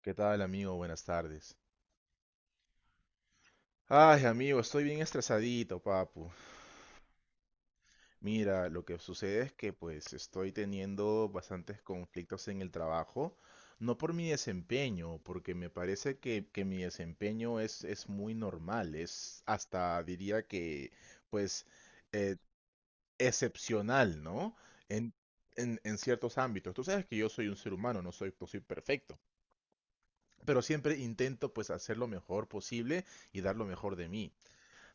¿Qué tal, amigo? Buenas tardes. Ay, amigo, estoy bien estresadito, papu. Mira, lo que sucede es que pues estoy teniendo bastantes conflictos en el trabajo, no por mi desempeño, porque me parece que mi desempeño es muy normal, es hasta diría que pues eh, excepcional, ¿no? En, en ciertos ámbitos. Tú sabes que yo soy un ser humano, no soy perfecto, pero siempre intento pues hacer lo mejor posible y dar lo mejor de mí.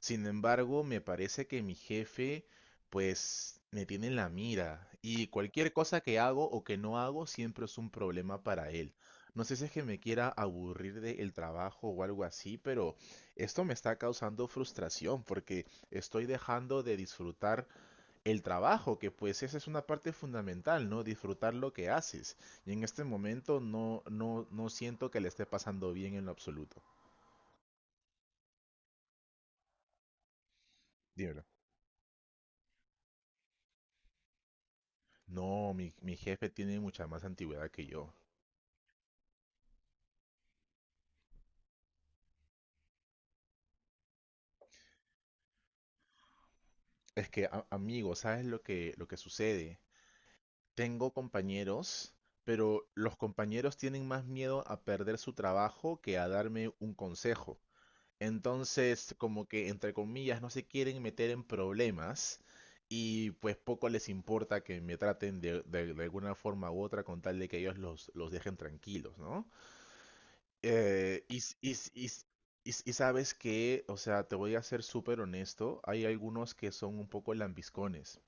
Sin embargo, me parece que mi jefe, pues, me tiene en la mira y cualquier cosa que hago o que no hago siempre es un problema para él. No sé si es que me quiera aburrir del trabajo o algo así, pero esto me está causando frustración porque estoy dejando de disfrutar el trabajo, que pues esa es una parte fundamental, ¿no? Disfrutar lo que haces. Y en este momento no siento que le esté pasando bien en lo absoluto. Dímelo. No, mi jefe tiene mucha más antigüedad que yo. Es que, amigo, ¿sabes lo lo que sucede? Tengo compañeros, pero los compañeros tienen más miedo a perder su trabajo que a darme un consejo. Entonces, como que, entre comillas, no se quieren meter en problemas y pues poco les importa que me traten de, de alguna forma u otra con tal de que ellos los dejen tranquilos, ¿no? Y, s- y s- y s- y s- y sabes que, o sea, te voy a ser súper honesto, hay algunos que son un poco lambiscones.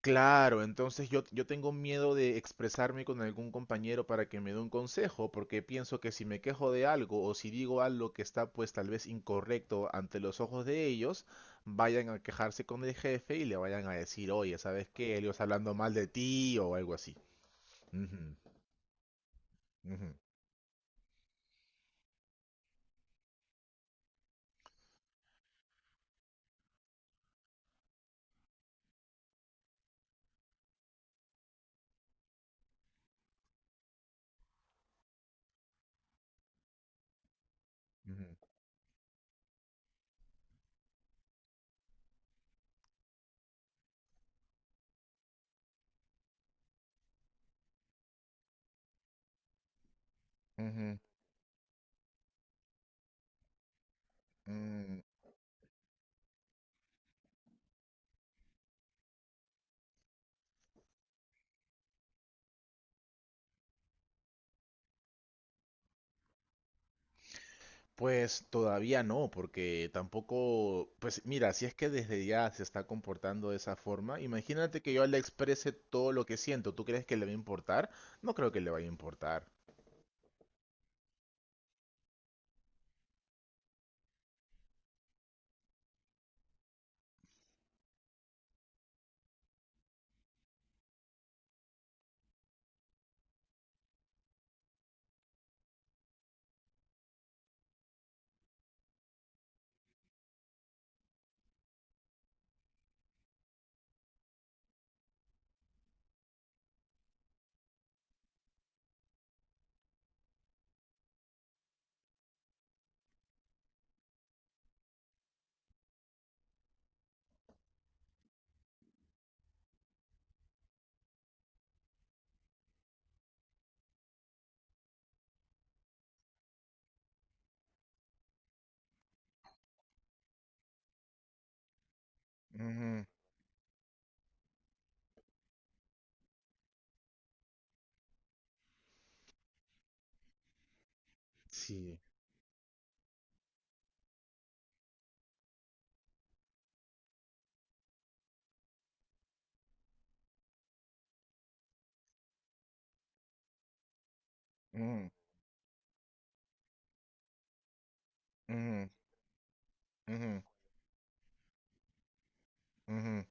Claro, entonces yo tengo miedo de expresarme con algún compañero para que me dé un consejo, porque pienso que si me quejo de algo o si digo algo que está pues tal vez incorrecto ante los ojos de ellos, vayan a quejarse con el jefe y le vayan a decir, oye, ¿sabes qué? Ellos hablando mal de ti o algo así. Ujú, ujú, ujú, ujú, mm, pues todavía no, porque tampoco, pues mira, si es que desde ya se está comportando de esa forma, imagínate que yo le exprese todo lo que siento. ¿Tú crees que le va a importar? No creo que le vaya a importar. Ujú, sí. Ujú, ujú, ujú, ujú,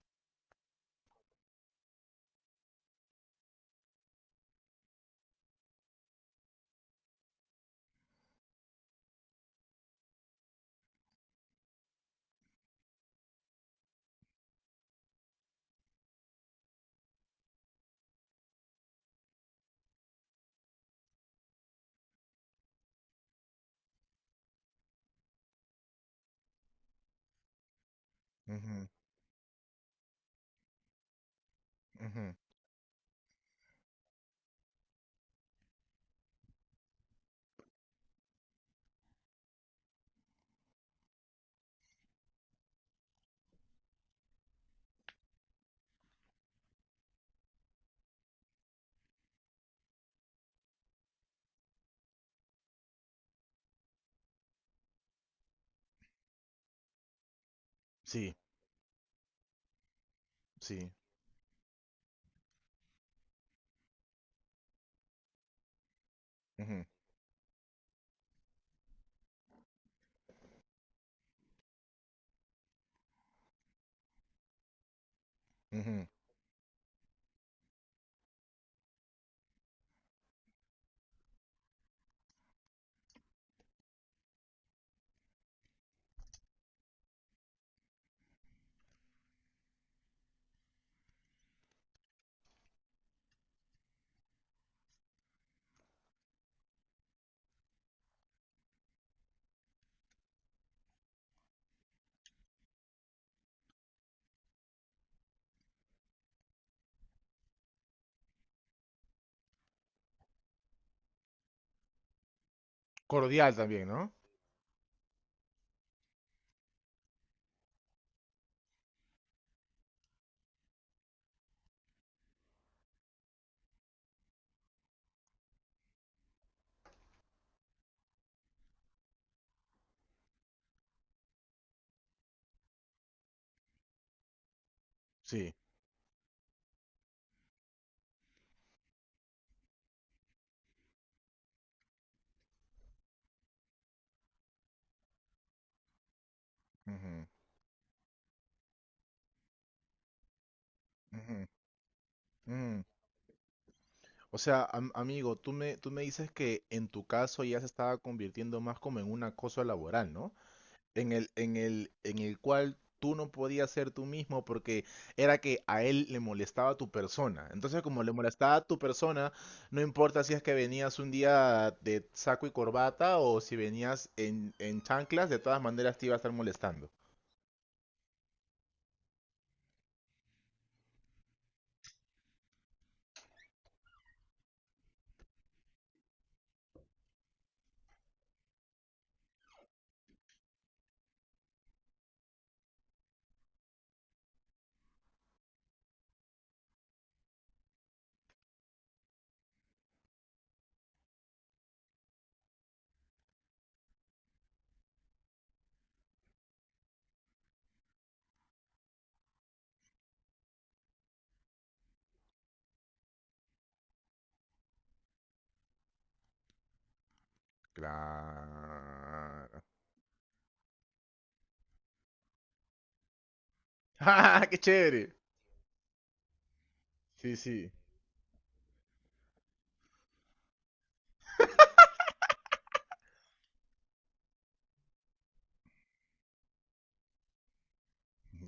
ujú, ujú. Sí, sí. Ujú, ujú. Cordial también, ¿no? Sí. Ujú, ujú, ujú. O sea, amigo, tú me dices que en tu caso ya se estaba convirtiendo más como en un acoso laboral, ¿no? En el, en el, en el cual tú no podías ser tú mismo porque era que a él le molestaba tu persona. Entonces, como le molestaba tu persona, no importa si es que venías un día de saco y corbata o si venías en chanclas, de todas maneras te iba a estar molestando. Claro. ¡Ah, qué chévere! Sí, sí.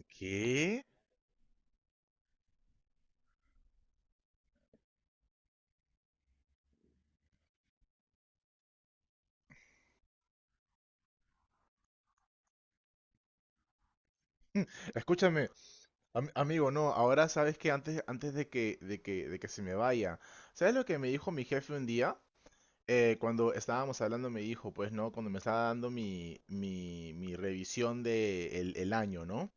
¿Qué? Escúchame, amigo, no, ahora sabes que antes, antes de de que se me vaya, ¿sabes lo que me dijo mi jefe un día? Cuando estábamos hablando me dijo, pues, ¿no? Cuando me estaba dando mi revisión de el año, ¿no?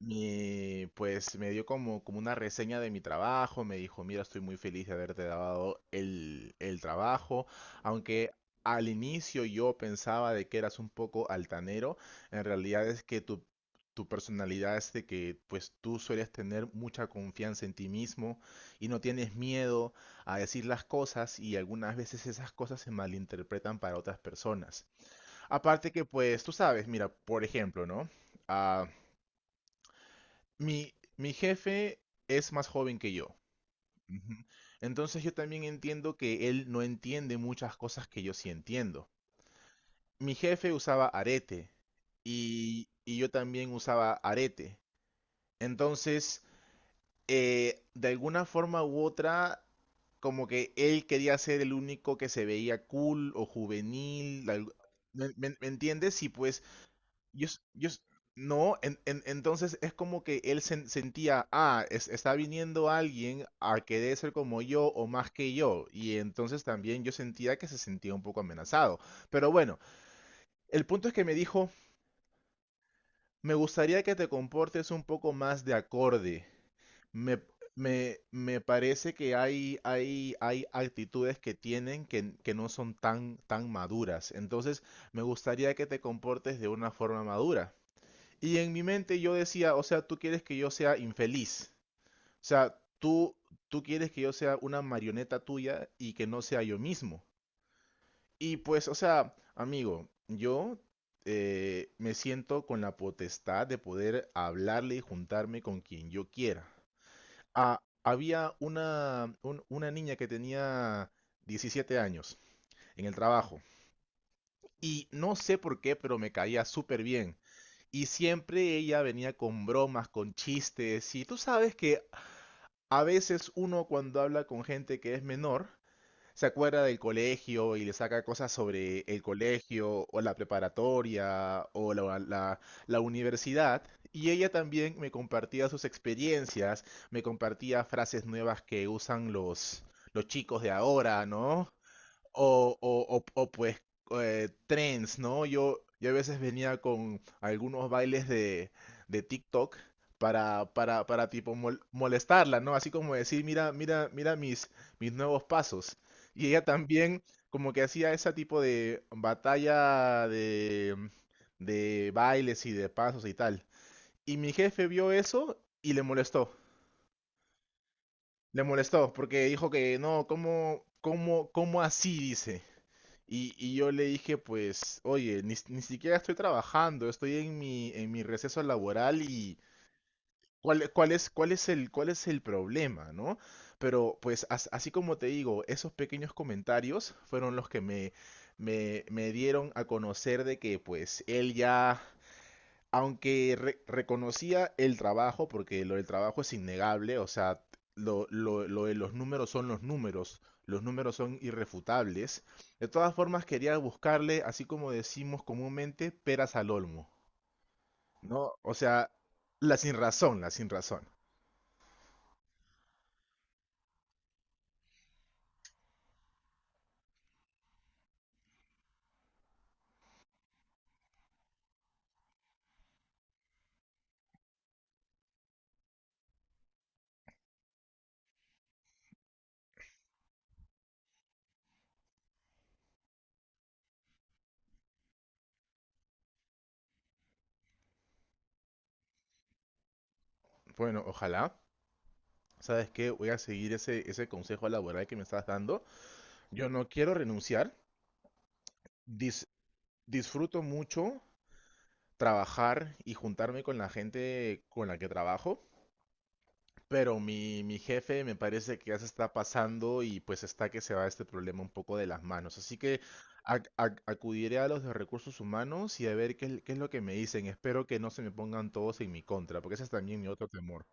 Y pues me dio como, como una reseña de mi trabajo, me dijo, mira, estoy muy feliz de haberte dado el trabajo, aunque al inicio yo pensaba de que eras un poco altanero, en realidad es que tu personalidad es de que pues tú sueles tener mucha confianza en ti mismo y no tienes miedo a decir las cosas y algunas veces esas cosas se malinterpretan para otras personas. Aparte que pues tú sabes, mira, por ejemplo, ¿no? Ah, mi jefe es más joven que yo. Ujú. Entonces yo también entiendo que él no entiende muchas cosas que yo sí entiendo. Mi jefe usaba arete y yo también usaba arete. Entonces, de alguna forma u otra, como que él quería ser el único que se veía cool o juvenil. ¿Me, me entiendes? Y pues Yo, s- yo s- no, entonces es como que él sentía, ah, está viniendo alguien a querer ser como yo o más que yo, y entonces también yo sentía que se sentía un poco amenazado. Pero bueno, el punto es que me dijo, me gustaría que te comportes un poco más de acorde. Me, me parece que hay, hay actitudes que tienen que no son tan, tan maduras. Entonces, me gustaría que te comportes de una forma madura. Y en mi mente yo decía, o sea, tú quieres que yo sea infeliz. O sea, tú quieres que yo sea una marioneta tuya y que no sea yo mismo. Y pues, o sea, amigo, yo me siento con la potestad de poder hablarle y juntarme con quien yo quiera. Ah, había una, una niña que tenía 17 años en el trabajo. Y no sé por qué, pero me caía súper bien. Y siempre ella venía con bromas, con chistes. Y tú sabes que a veces uno cuando habla con gente que es menor, se acuerda del colegio y le saca cosas sobre el colegio o la preparatoria o la universidad. Y ella también me compartía sus experiencias, me compartía frases nuevas que usan los chicos de ahora, ¿no? Pues trends, ¿no? Yo a veces venía con algunos bailes de TikTok para tipo molestarla, ¿no? Así como decir, mira mis nuevos pasos. Y ella también como que hacía ese tipo de batalla de bailes y de pasos y tal. Y mi jefe vio eso y le molestó. Le molestó porque dijo que no, cómo así? Dice. Y yo le dije, pues, oye, ni siquiera estoy trabajando, estoy en mi receso laboral y cuál es cuál es el problema, ¿no? Pero pues así como te digo, esos pequeños comentarios fueron los que me dieron a conocer de que pues él ya aunque reconocía el trabajo, porque lo del trabajo es innegable, o sea, lo de los números son irrefutables. De todas formas, quería buscarle, así como decimos comúnmente, peras al olmo, ¿no? O sea, la sin razón, la sin razón. Bueno, ojalá. ¿Sabes qué? Voy a seguir ese consejo laboral que me estás dando. Yo no quiero renunciar. dis- Disfruto mucho trabajar y juntarme con la gente con la que trabajo. Pero mi jefe me parece que ya se está pasando y pues está que se va este problema un poco de las manos. Así que acudiré a los de recursos humanos y a ver qué, qué es lo que me dicen. Espero que no se me pongan todos en mi contra, porque ese es también mi otro temor.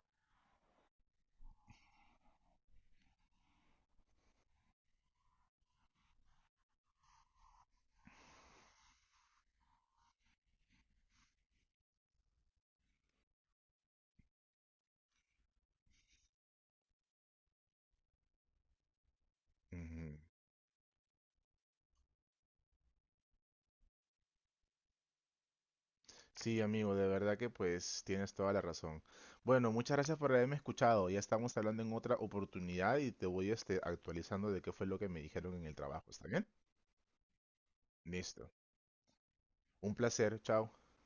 Ujú. Sí, amigo, de verdad que pues tienes toda la razón. Bueno, muchas gracias por haberme escuchado. Ya estamos hablando en otra oportunidad y te voy este, actualizando de qué fue lo que me dijeron en el trabajo. ¿Está bien? Listo. Un placer. Chao.